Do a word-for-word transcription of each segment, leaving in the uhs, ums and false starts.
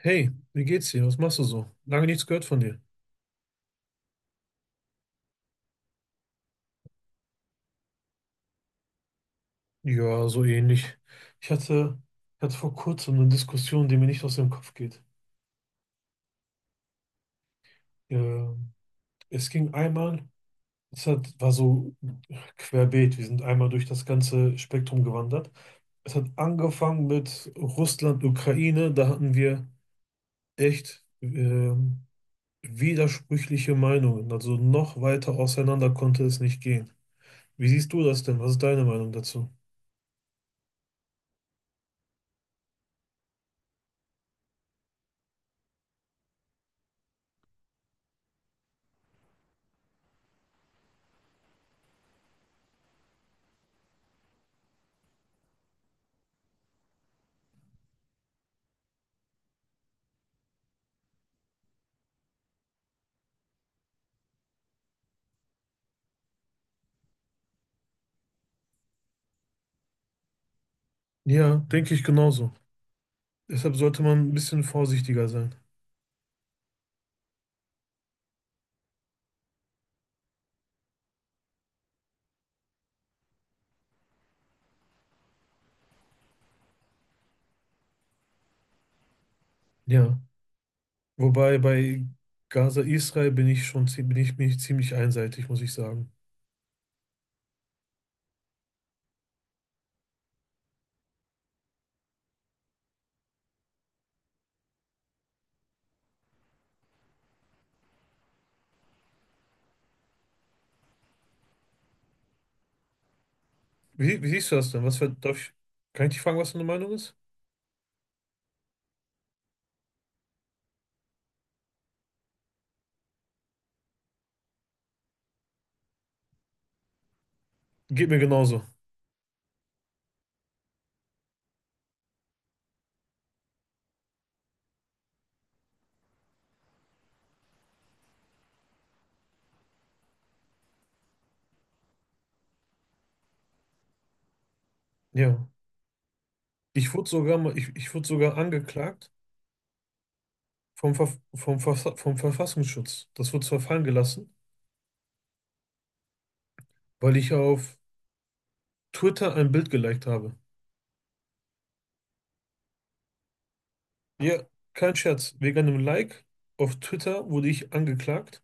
Hey, wie geht's dir? Was machst du so? Lange nichts gehört von dir. Ja, so ähnlich. Ich hatte, hatte vor kurzem eine Diskussion, die mir nicht aus dem Kopf geht. Ähm, es ging einmal, es hat, war so querbeet, wir sind einmal durch das ganze Spektrum gewandert. Es hat angefangen mit Russland, Ukraine, da hatten wir echt ähm, widersprüchliche Meinungen. Also noch weiter auseinander konnte es nicht gehen. Wie siehst du das denn? Was ist deine Meinung dazu? Ja, denke ich genauso. Deshalb sollte man ein bisschen vorsichtiger sein. Ja. Wobei bei Gaza, Israel bin ich schon zie- bin ich, bin ich ziemlich einseitig, muss ich sagen. Wie, wie siehst du das denn? Was für, darf ich, kann ich dich fragen, was deine Meinung ist? Geht mir genauso. Ja. Ich wurde sogar mal, ich, ich wurde sogar angeklagt vom, Verf vom, Verfa vom Verfassungsschutz. Das wurde zwar fallen gelassen, weil ich auf Twitter ein Bild geliked habe. Ja, kein Scherz. Wegen einem Like auf Twitter wurde ich angeklagt,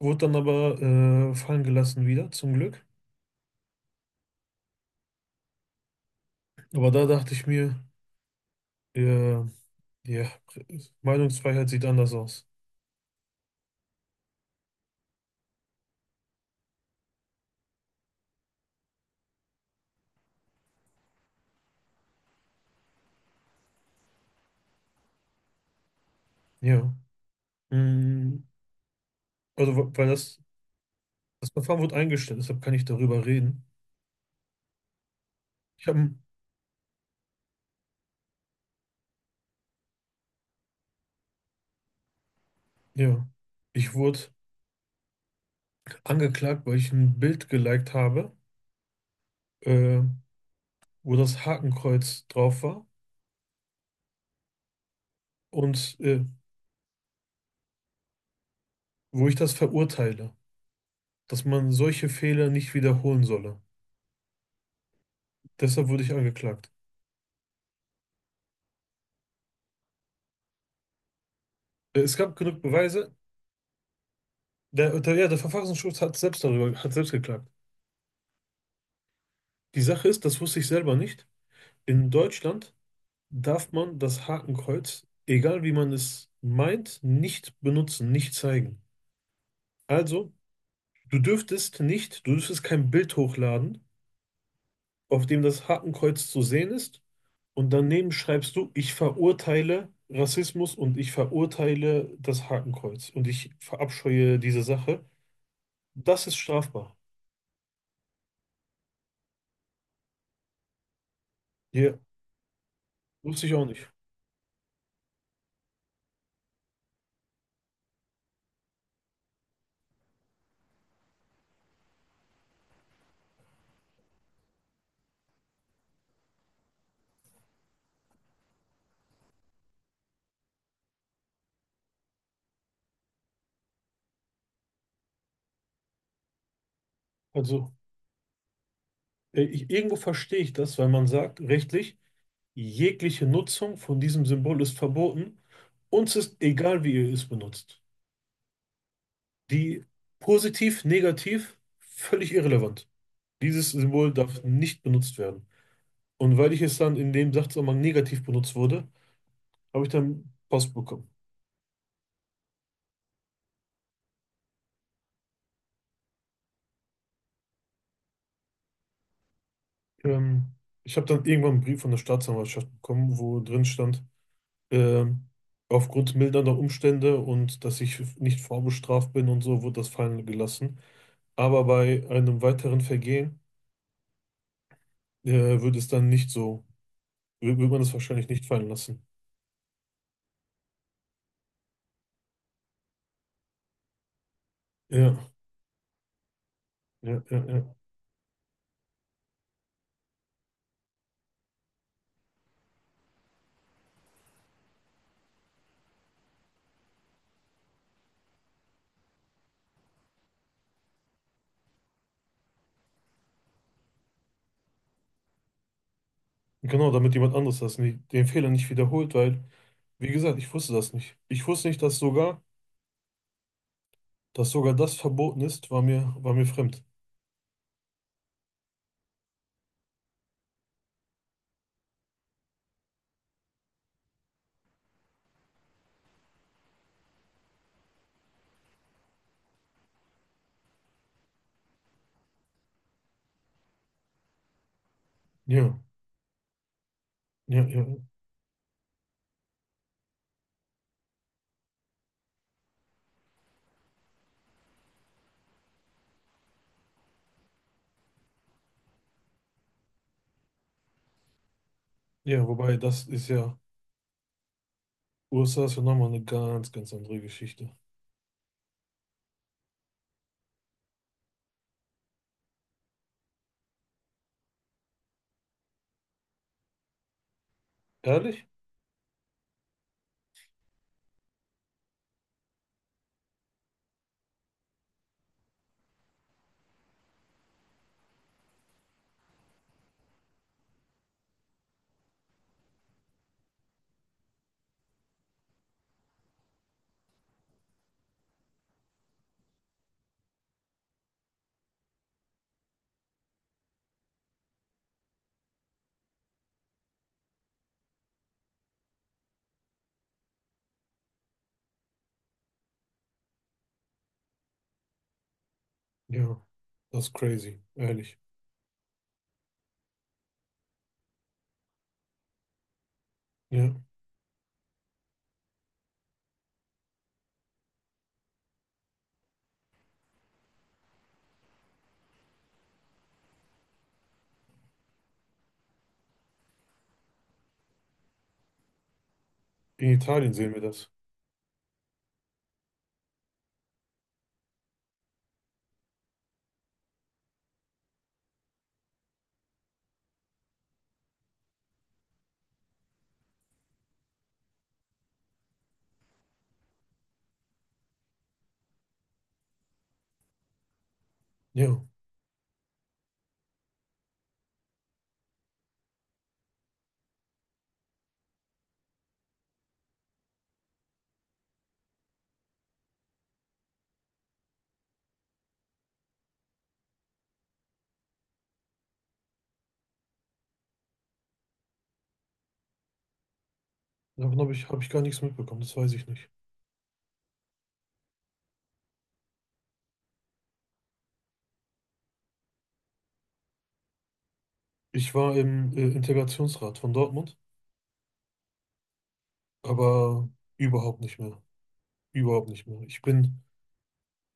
wurde dann aber äh, fallen gelassen wieder, zum Glück. Aber da dachte ich mir, ja, ja, Meinungsfreiheit sieht anders aus. Ja. Mm. Also, wa- weil das, Das Verfahren wurde eingestellt, deshalb kann ich darüber reden. Ich habe, ja, Ich wurde angeklagt, weil ich ein Bild geliked habe, äh, wo das Hakenkreuz drauf war und äh, wo ich das verurteile, dass man solche Fehler nicht wiederholen solle. Deshalb wurde ich angeklagt. Äh, Es gab genug Beweise. Der, der, ja, der Verfassungsschutz hat selbst darüber, hat selbst geklagt. Die Sache ist, das wusste ich selber nicht. In Deutschland darf man das Hakenkreuz, egal wie man es meint, nicht benutzen, nicht zeigen. Also, du dürftest nicht, du dürftest kein Bild hochladen, auf dem das Hakenkreuz zu sehen ist, und daneben schreibst du, ich verurteile Rassismus und ich verurteile das Hakenkreuz und ich verabscheue diese Sache. Das ist strafbar. Ja, wusste ich auch nicht. Also, äh, ich, irgendwo verstehe ich das, weil man sagt, rechtlich, jegliche Nutzung von diesem Symbol ist verboten. Uns ist egal, wie ihr es benutzt. Die positiv, negativ, völlig irrelevant. Dieses Symbol darf nicht benutzt werden. Und weil ich es dann in dem Sachzusammenhang negativ benutzt wurde, habe ich dann Post bekommen. Ähm, ich habe dann irgendwann einen Brief von der Staatsanwaltschaft bekommen, wo drin stand, ähm, aufgrund mildernder Umstände und dass ich nicht vorbestraft bin und so, wurde das fallen gelassen. Aber bei einem weiteren Vergehen äh, würde es dann nicht so, wür- würde man es wahrscheinlich nicht fallen lassen. Ja, ja, ja, ja. Genau, damit jemand anderes das nicht, den Fehler nicht wiederholt, weil, wie gesagt, ich wusste das nicht. Ich wusste nicht, dass sogar, dass sogar das verboten ist, war mir, war mir fremd. Ja, ja, ja. Ja, wobei das ist ja, U S A ist ja nochmal eine ganz, ganz andere Geschichte. Ehrlich? Ja, das ist crazy, ehrlich. Ja, in Italien sehen wir das. Ja, davon habe ich, habe ich gar nichts mitbekommen, das weiß ich nicht. Ich war im äh, Integrationsrat von Dortmund. Aber überhaupt nicht mehr. Überhaupt nicht mehr. Ich bin,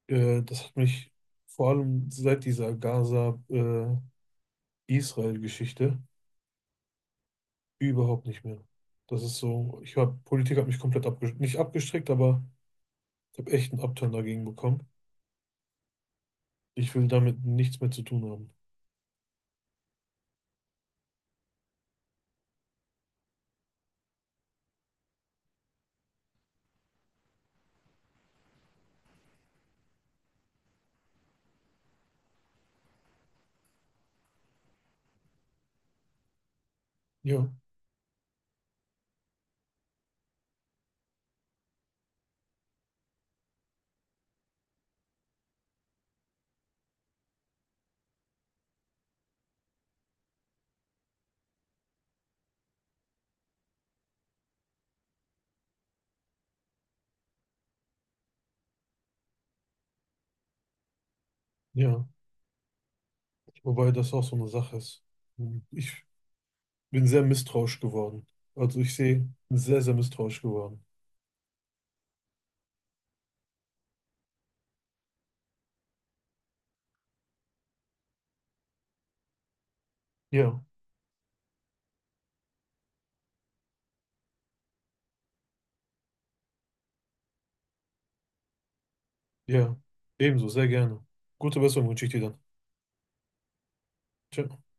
äh, Das hat mich vor allem seit dieser Gaza-Israel-Geschichte überhaupt nicht mehr. Das ist so, ich habe, Politik hat mich komplett abgestrickt, nicht abgestrickt, aber ich habe echt einen Upturn dagegen bekommen. Ich will damit nichts mehr zu tun haben. Ja, ja. Wobei das auch so eine Sache ist. Hm. Ich bin sehr misstrauisch geworden. Also ich sehe, bin sehr, sehr misstrauisch geworden. Ja, ja. Ebenso, sehr gerne. Gute Besserung wünsche ich dir dann. Ciao.